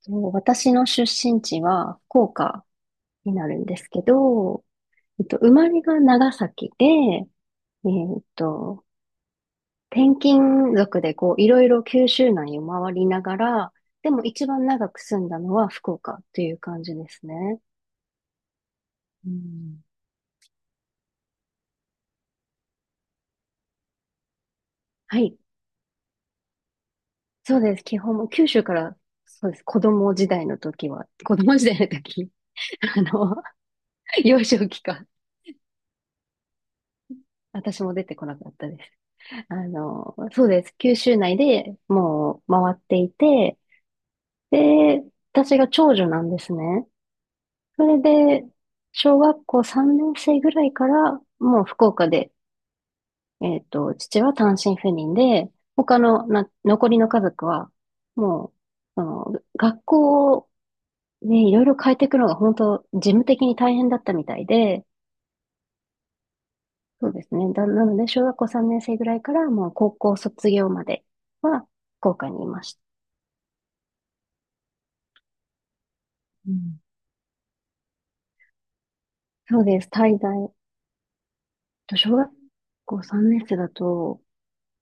そう、私の出身地は福岡になるんですけど、生まれが長崎で、っと、転勤族でこう、いろいろ九州内を回りながら、でも一番長く住んだのは福岡という感じですね。うん。はい。そうです。基本も九州から、そうです。子供時代の時、あの、幼少期か、私も出てこなかったです。そうです。九州内でもう回っていて、で、私が長女なんですね。それで、小学校3年生ぐらいから、もう福岡で、父は単身赴任で、他のな、残りの家族は、もう、あの、学校をね、いろいろ変えていくのが本当、事務的に大変だったみたいで、そうですね。なので、小学校3年生ぐらいから、もう高校卒業までは、福岡にいました。そうです。滞在。と小学校3年生だと、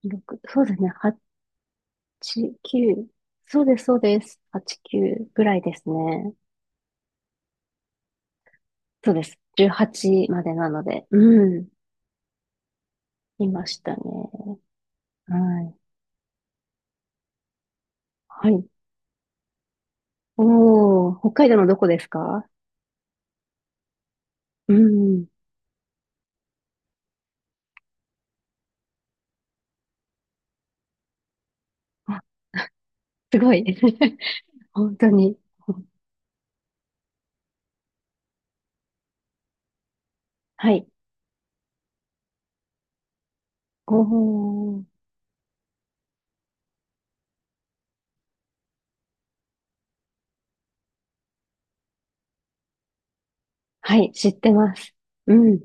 6、そうですね。8、9。そうです、そうです。8、9ぐらいですね。そうです。18までなので。うん。いましたね。はい。はい。おー、北海道のどこですか？うん。あ、すごい。本当に。はい。おー。はい、知ってます。うん。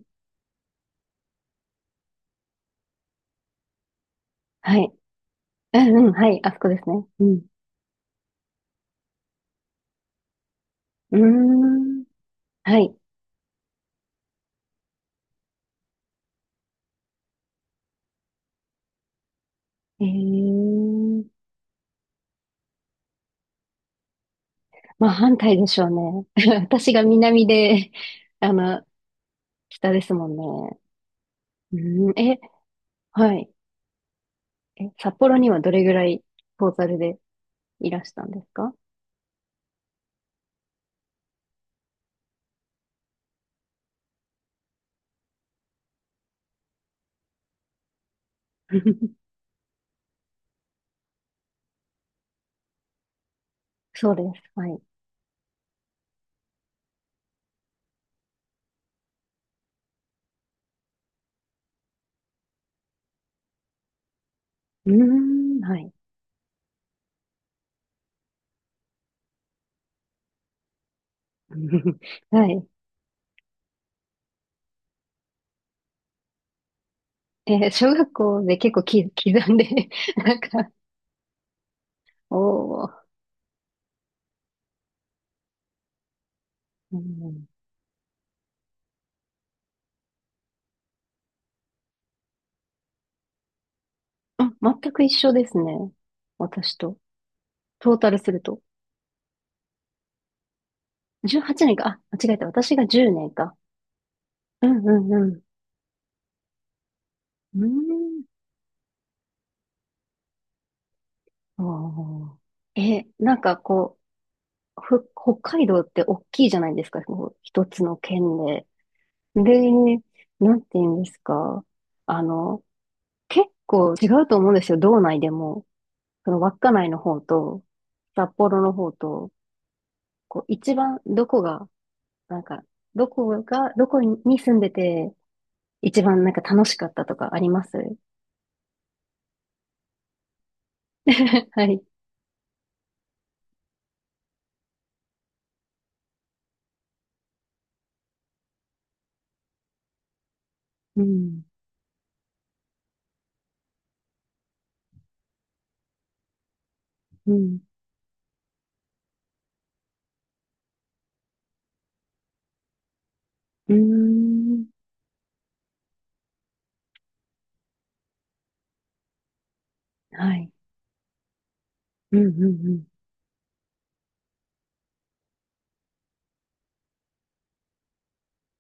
はい。うん、うん、はい。あそこですね。うん。うーん。はい。ええ、まあ反対でしょうね。私が南で、あの、北ですもんね。うん、え、はい。え、札幌にはどれぐらいトータルでいらしたんですか？ そうです。はい。うーん、はい。はい。えー小学校で結構き刻んで？ なんか、おー、うん、あ、全く一緒ですね。私と。トータルすると。18年か。あ、間違えた。私が10年か。うん。うん。うーん。ああ。え、北海道って大きいじゃないですか、こう一つの県で。で、なんて言うんですか。あの、結構違うと思うんですよ、道内でも。その稚内の方と、札幌の方と、こう、一番どこが、なんか、どこが、どこに住んでて、一番なんか楽しかったとかあります？ はい。うん。うん。うーん。はい。うん。うん。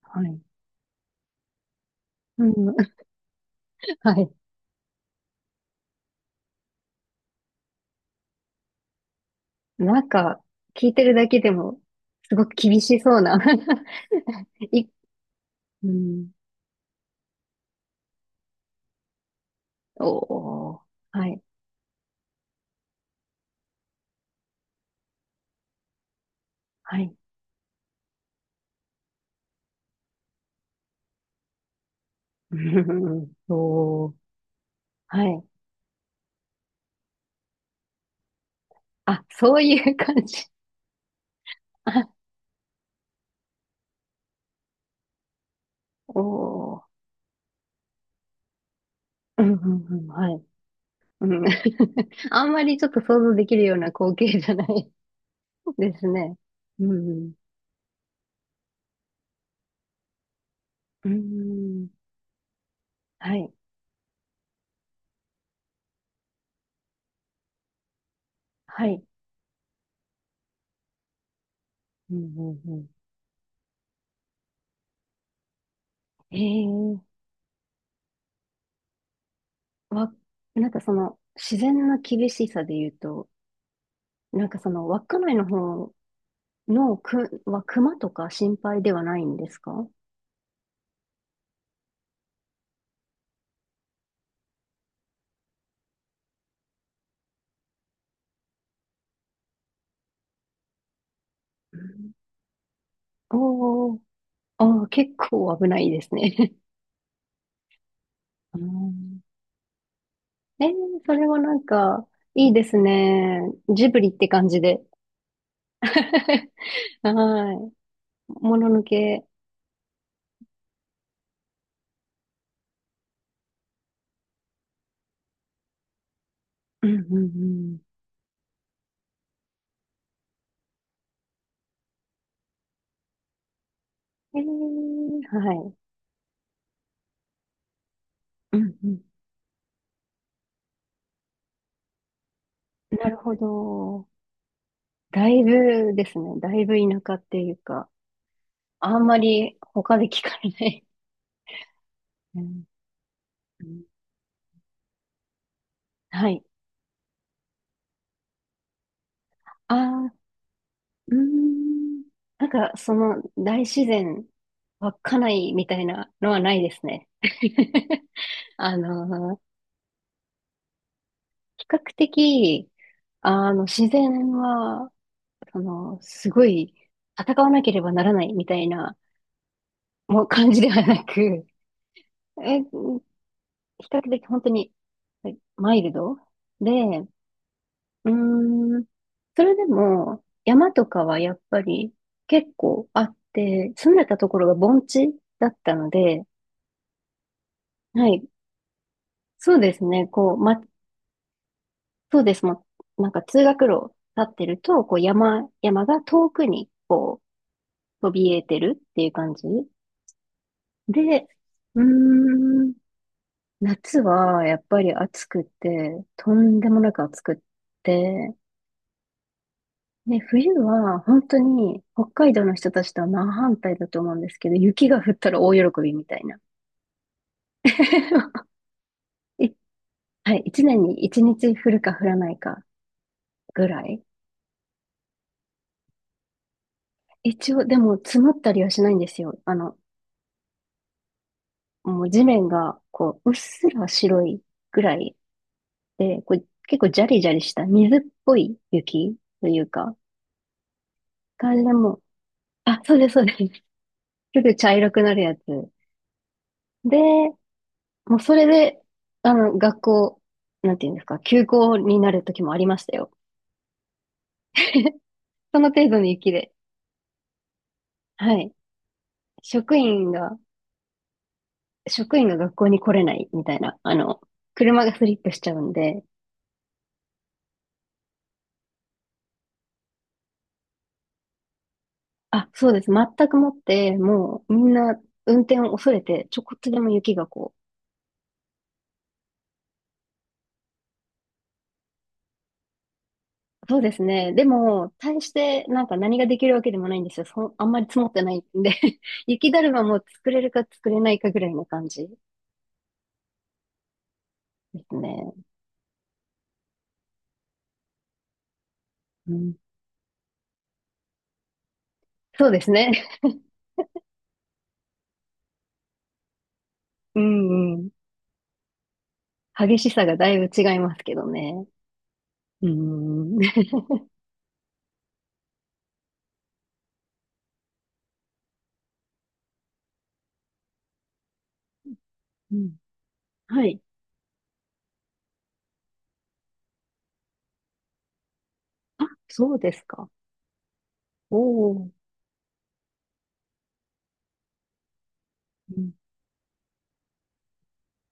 はい。うん。はい。なんか、聞いてるだけでも、すごく厳しそうな。 い、うん。おー。はい。はい。うん。おー。はい。あ、そういう感じ。あ、おー。うん、うん、うん。はい。うん。あんまりちょっと想像できるような光景じゃないですね。うん。うん。はい。はい。うん、うん、うん。ええ、わ、なんかその、自然な厳しさで言うと、なんかその、稚内の方は熊とか心配ではないんですか？うん。おー、あー、結構危ないですね。うん。えー、それはなんか、いいですね。ジブリって感じで。はい。もののけ。うん。うん。うん。えー、はい。うん。うん。なるほど。だいぶですね。だいぶ田舎っていうか。あんまり他で聞かれない。うん。うん。はい。ああ、うーん。なんか、その大自然、稚内みたいなのはないですね。あの、比較的、自然は、その、すごい、戦わなければならないみたいな、もう感じではなく、比較的本当に、マイルドで、うーん。それでも、山とかはやっぱり結構あって、住んでたところが盆地だったので、はい。そうですね。そうです。なんか通学路立ってると、こう、山が遠くにこう、そびえてるっていう感じ。で、うーん。夏はやっぱり暑くて、とんでもなく暑くって、ね、冬は本当に北海道の人たちとは真反対だと思うんですけど、雪が降ったら大喜びみたいな。い、はい、一年に一日降るか降らないかぐらい。一応、でも積もったりはしないんですよ。もう地面がこう、うっすら白いぐらいで、こう結構ジャリジャリした水っぽい雪というか、あれでも、あ、そうです、そうです。すぐ茶色くなるやつ。で、もうそれで、学校、なんていうんですか、休校になる時もありましたよ。その程度の雪で。はい。職員が、職員が学校に来れないみたいな、車がスリップしちゃうんで、あ、そうです。全くもって、もうみんな運転を恐れて、ちょこっとでも雪がこう、そうですね。でも、大してなんか何ができるわけでもないんですよ。そ、あんまり積もってないんで。 雪だるまも作れるか作れないかぐらいの感じですね。うん、そうですね。うん。うん。激しさがだいぶ違いますけどね。うん。うん。はい。あ、そうですか。おお。うん。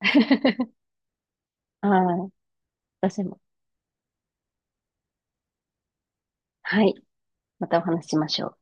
はい。私も。はい。またお話ししましょう。